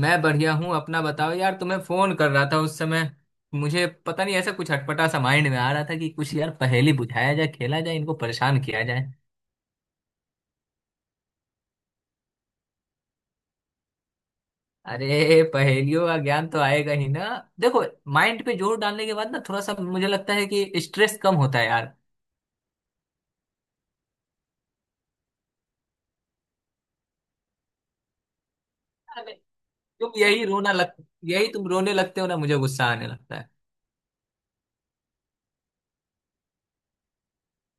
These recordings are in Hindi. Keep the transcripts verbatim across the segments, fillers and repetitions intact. मैं बढ़िया हूँ। अपना बताओ यार, तुम्हें फोन कर रहा था उस समय। मुझे पता नहीं, ऐसा कुछ अटपटा सा माइंड में आ रहा था कि कुछ यार पहेली बुझाया जाए, खेला जाए, इनको परेशान किया जाए। अरे, पहेलियों का ज्ञान तो आएगा ही ना। देखो, माइंड पे जोर डालने के बाद ना थोड़ा सा मुझे लगता है कि स्ट्रेस कम होता है यार। अरे, तुम यही रोना लग यही तुम रोने लगते हो ना, मुझे गुस्सा आने लगता है।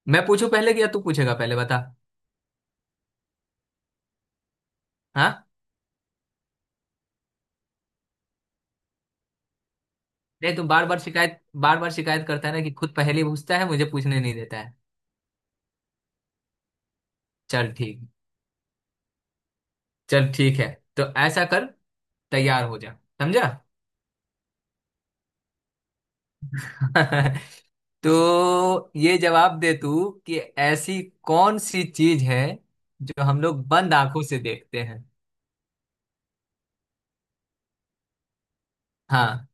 मैं पूछूं पहले कि या तू पूछेगा पहले, बता। हाँ। नहीं, तुम बार बार शिकायत बार बार शिकायत करता है ना कि खुद पहेली पूछता है, मुझे पूछने नहीं देता है। चल ठीक चल ठीक है, तो ऐसा कर, तैयार हो जा, समझा। तो ये जवाब दे तू कि ऐसी कौन सी चीज है जो हम लोग बंद आंखों से देखते हैं। हाँ।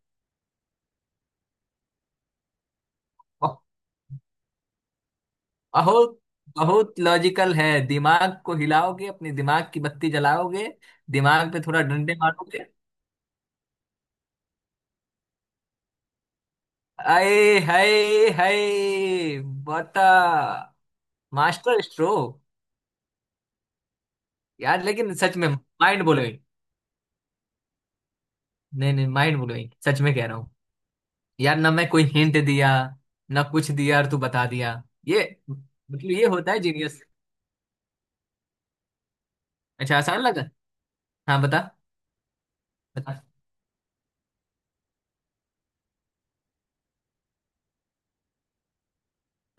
ब- बहुत, बहुत लॉजिकल है। दिमाग को हिलाओगे, अपने दिमाग की बत्ती जलाओगे, दिमाग पे थोड़ा डंडे मारोगे। आए, हाय, हाय, बता। Master stroke. यार लेकिन सच में माइंड ब्लोइंग। नहीं नहीं, माइंड ब्लोइंग सच में कह रहा हूँ। यार ना मैं कोई हिंट दिया ना कुछ दिया, और तू बता दिया। ये मतलब ये होता है जीनियस। अच्छा, आसान लगा। हाँ बता, बता।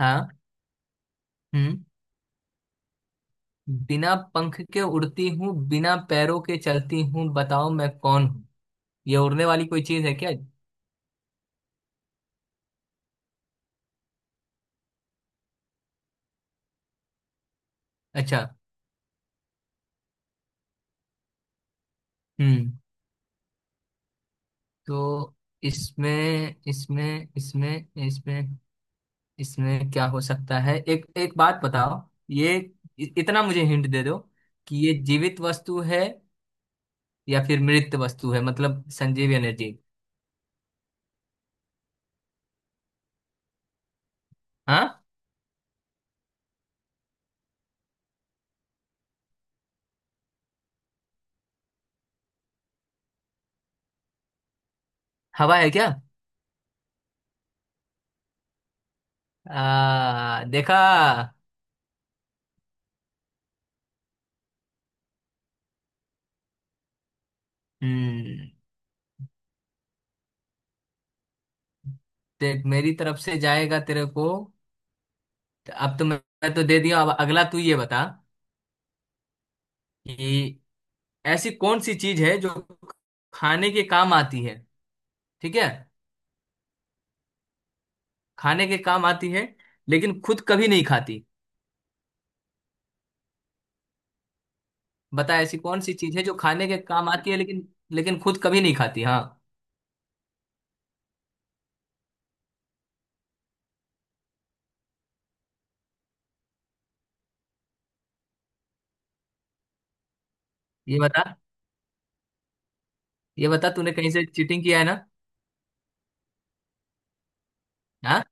हाँ, हम्म। बिना पंख के उड़ती हूँ, बिना पैरों के चलती हूँ, बताओ मैं कौन हूँ। ये उड़ने वाली कोई चीज है क्या? अच्छा, हम्म। तो इसमें इसमें इसमें इसमें इसमें क्या हो सकता है, एक एक बात बताओ। ये, इ- इतना मुझे हिंट दे दो कि ये जीवित वस्तु है या फिर मृत वस्तु है, मतलब संजीव एनर्जी। हाँ, हवा है क्या? आ, देखा। हम्म। देख, मेरी तरफ से जाएगा तेरे को। तो अब तो मैं मैं तो दे दिया, अब अगला तू ये बता कि ऐसी कौन सी चीज है जो खाने के काम आती है, ठीक है? खाने के काम आती है लेकिन खुद कभी नहीं खाती। बता ऐसी कौन सी चीज है जो खाने के काम आती है लेकिन लेकिन खुद कभी नहीं खाती। हाँ, ये बता, ये बता, तूने कहीं से चीटिंग किया है ना। हाँ।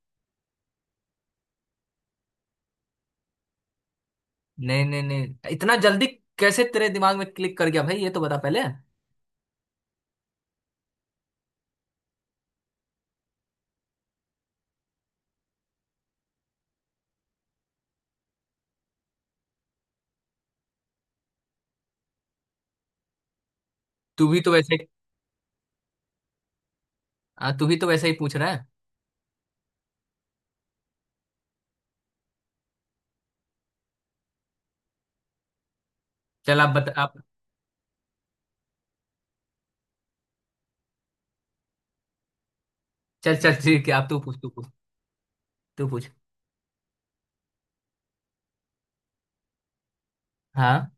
नहीं नहीं नहीं, इतना जल्दी कैसे तेरे दिमाग में क्लिक कर गया भाई, ये तो बता पहले। तू भी तो वैसे हाँ, तू भी तो वैसे ही पूछ रहा है। चल आप बता, आप। चल चल ठीक है, आप, तू पूछ तू पूछ। तू पूछ। हाँ।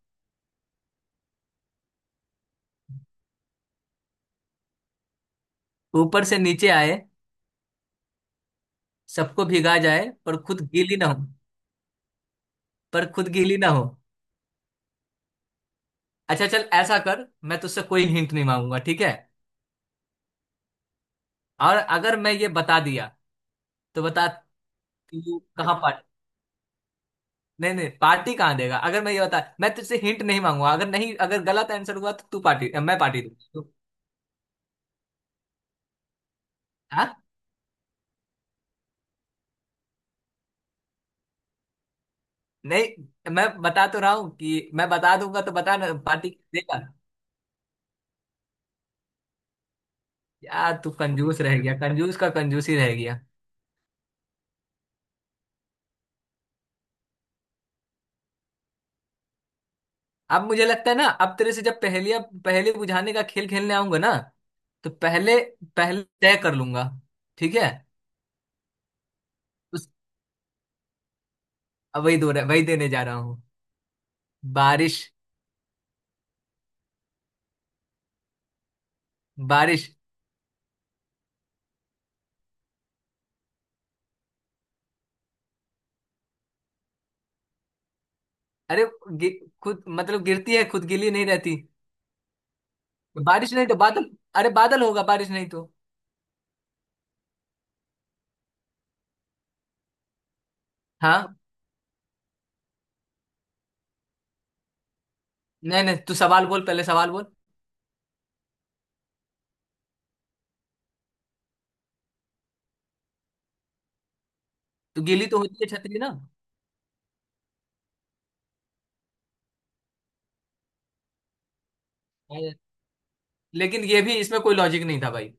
ऊपर से नीचे आए, सबको भिगा जाए, पर खुद गीली ना हो। पर खुद गीली ना हो। अच्छा चल ऐसा कर, मैं तुझसे कोई हिंट नहीं मांगूंगा, ठीक है? और अगर मैं ये बता दिया तो बता, तू कहाँ पा नहीं नहीं, पार्टी कहाँ देगा? अगर मैं ये बता, मैं तुझसे हिंट नहीं मांगूंगा, अगर नहीं, अगर गलत आंसर हुआ तो तू पार्टी, मैं पार्टी दूंगा, तू- हाँ। नहीं, मैं बता तो रहा हूँ कि मैं बता दूंगा, तो बता ना पार्टी देगा। यार तू कंजूस रह गया, कंजूस का कंजूस ही रह गया। अब मुझे लगता है ना, अब तेरे से जब पहेलियां पहेली बुझाने का खेल खेलने आऊंगा ना, तो पहले पहले तय कर लूंगा, ठीक है। उस अब वही दो, वही देने जा रहा हूँ। बारिश। बारिश। अरे, गि- खुद मतलब गिरती है, खुद गीली नहीं रहती। बारिश नहीं तो बादल। अरे बादल होगा, बारिश नहीं तो। हाँ। नहीं नहीं, तू सवाल बोल, पहले सवाल बोल। तो गीली तो होती है छतरी ना। अरे, लेकिन ये भी इसमें कोई लॉजिक नहीं था भाई।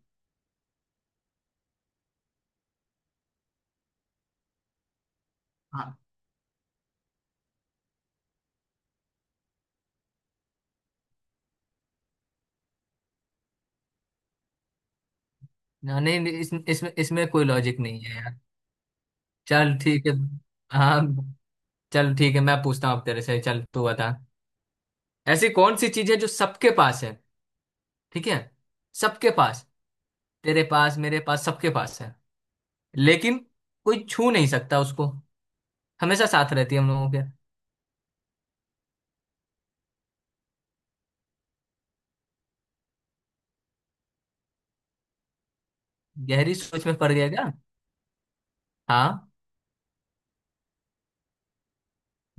हाँ। ना, नहीं नहीं, इस, इसमें इसमें कोई लॉजिक नहीं है यार। चल ठीक है हाँ, चल ठीक है, मैं पूछता हूँ अब तेरे से, चल तू बता। ऐसी कौन सी चीज है जो सबके पास है, ठीक है? सबके पास, तेरे पास, मेरे पास, सबके पास है, लेकिन कोई छू नहीं सकता उसको, हमेशा साथ रहती है हम लोगों के। गहरी सोच में पड़ गया क्या? हाँ।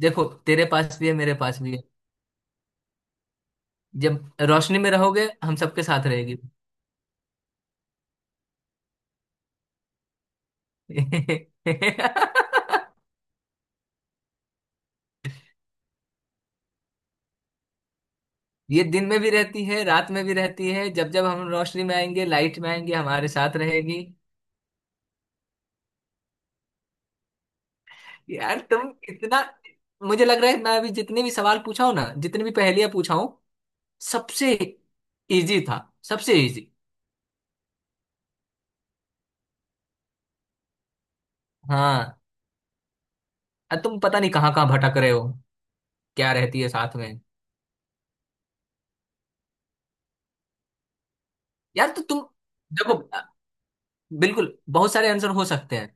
देखो, तेरे पास भी है, मेरे पास भी है, जब रोशनी में रहोगे हम सबके साथ रहेगी। ये दिन में भी रहती है, रात में भी रहती है, जब जब हम रोशनी में आएंगे, लाइट में आएंगे, हमारे साथ रहेगी। यार तुम इतना मुझे लग रहा है मैं अभी जितने भी सवाल पूछा हूं ना, जितनी भी पहेलियां पूछा हूं, सबसे इजी था सबसे इजी। हाँ। अब तुम पता नहीं कहाँ कहाँ भटक रहे हो, क्या रहती है साथ में। यार तो तुम देखो, बिल्कुल, बहुत सारे आंसर हो सकते हैं।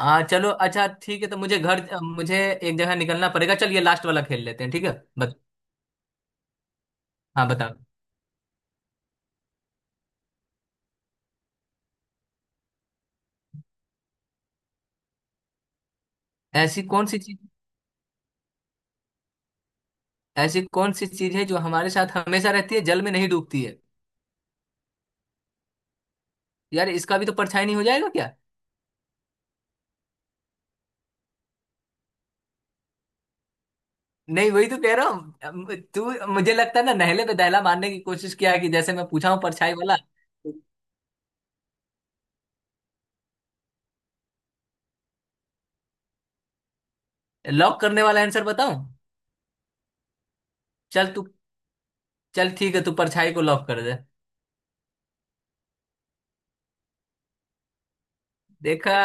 आ, चलो, अच्छा ठीक है, तो मुझे घर मुझे एक जगह निकलना पड़ेगा, चल ये लास्ट वाला खेल लेते हैं, ठीक है। बत, हाँ बताओ। ऐसी कौन सी चीज ऐसी कौन सी चीज है जो हमारे साथ हमेशा रहती है, जल में नहीं डूबती है? यार इसका भी तो परछाई नहीं हो जाएगा क्या? नहीं, वही तो कह रहा हूँ। अम, तू, मुझे लगता है ना, नहले पे दहला मारने की कोशिश किया है कि जैसे मैं पूछा हूँ परछाई वाला। लॉक करने वाला आंसर बताऊं? चल तू चल ठीक है, तू परछाई को लॉक कर दे। देखा।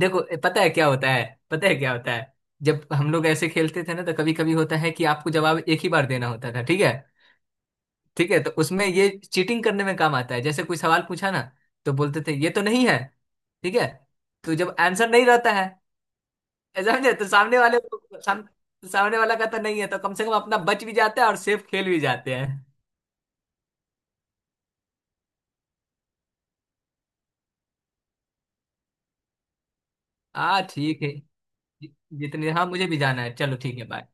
देखो ए, पता है क्या होता है, पता है क्या होता है, जब हम लोग ऐसे खेलते थे ना तो कभी कभी होता है कि आपको जवाब एक ही बार देना होता था, ठीक है। ठीक है, तो उसमें ये चीटिंग करने में काम आता है, जैसे कोई सवाल पूछा ना तो बोलते थे ये तो नहीं है, ठीक है। तो जब आंसर नहीं रहता है, ऐसा समझे तो सामने वाले को- साम, सामने वाला का तो नहीं है, तो कम से कम अपना बच भी जाता है और सेफ खेल भी जाते हैं। हाँ ठीक है। जि- जितने, हाँ मुझे भी जाना है, चलो ठीक है, बाय।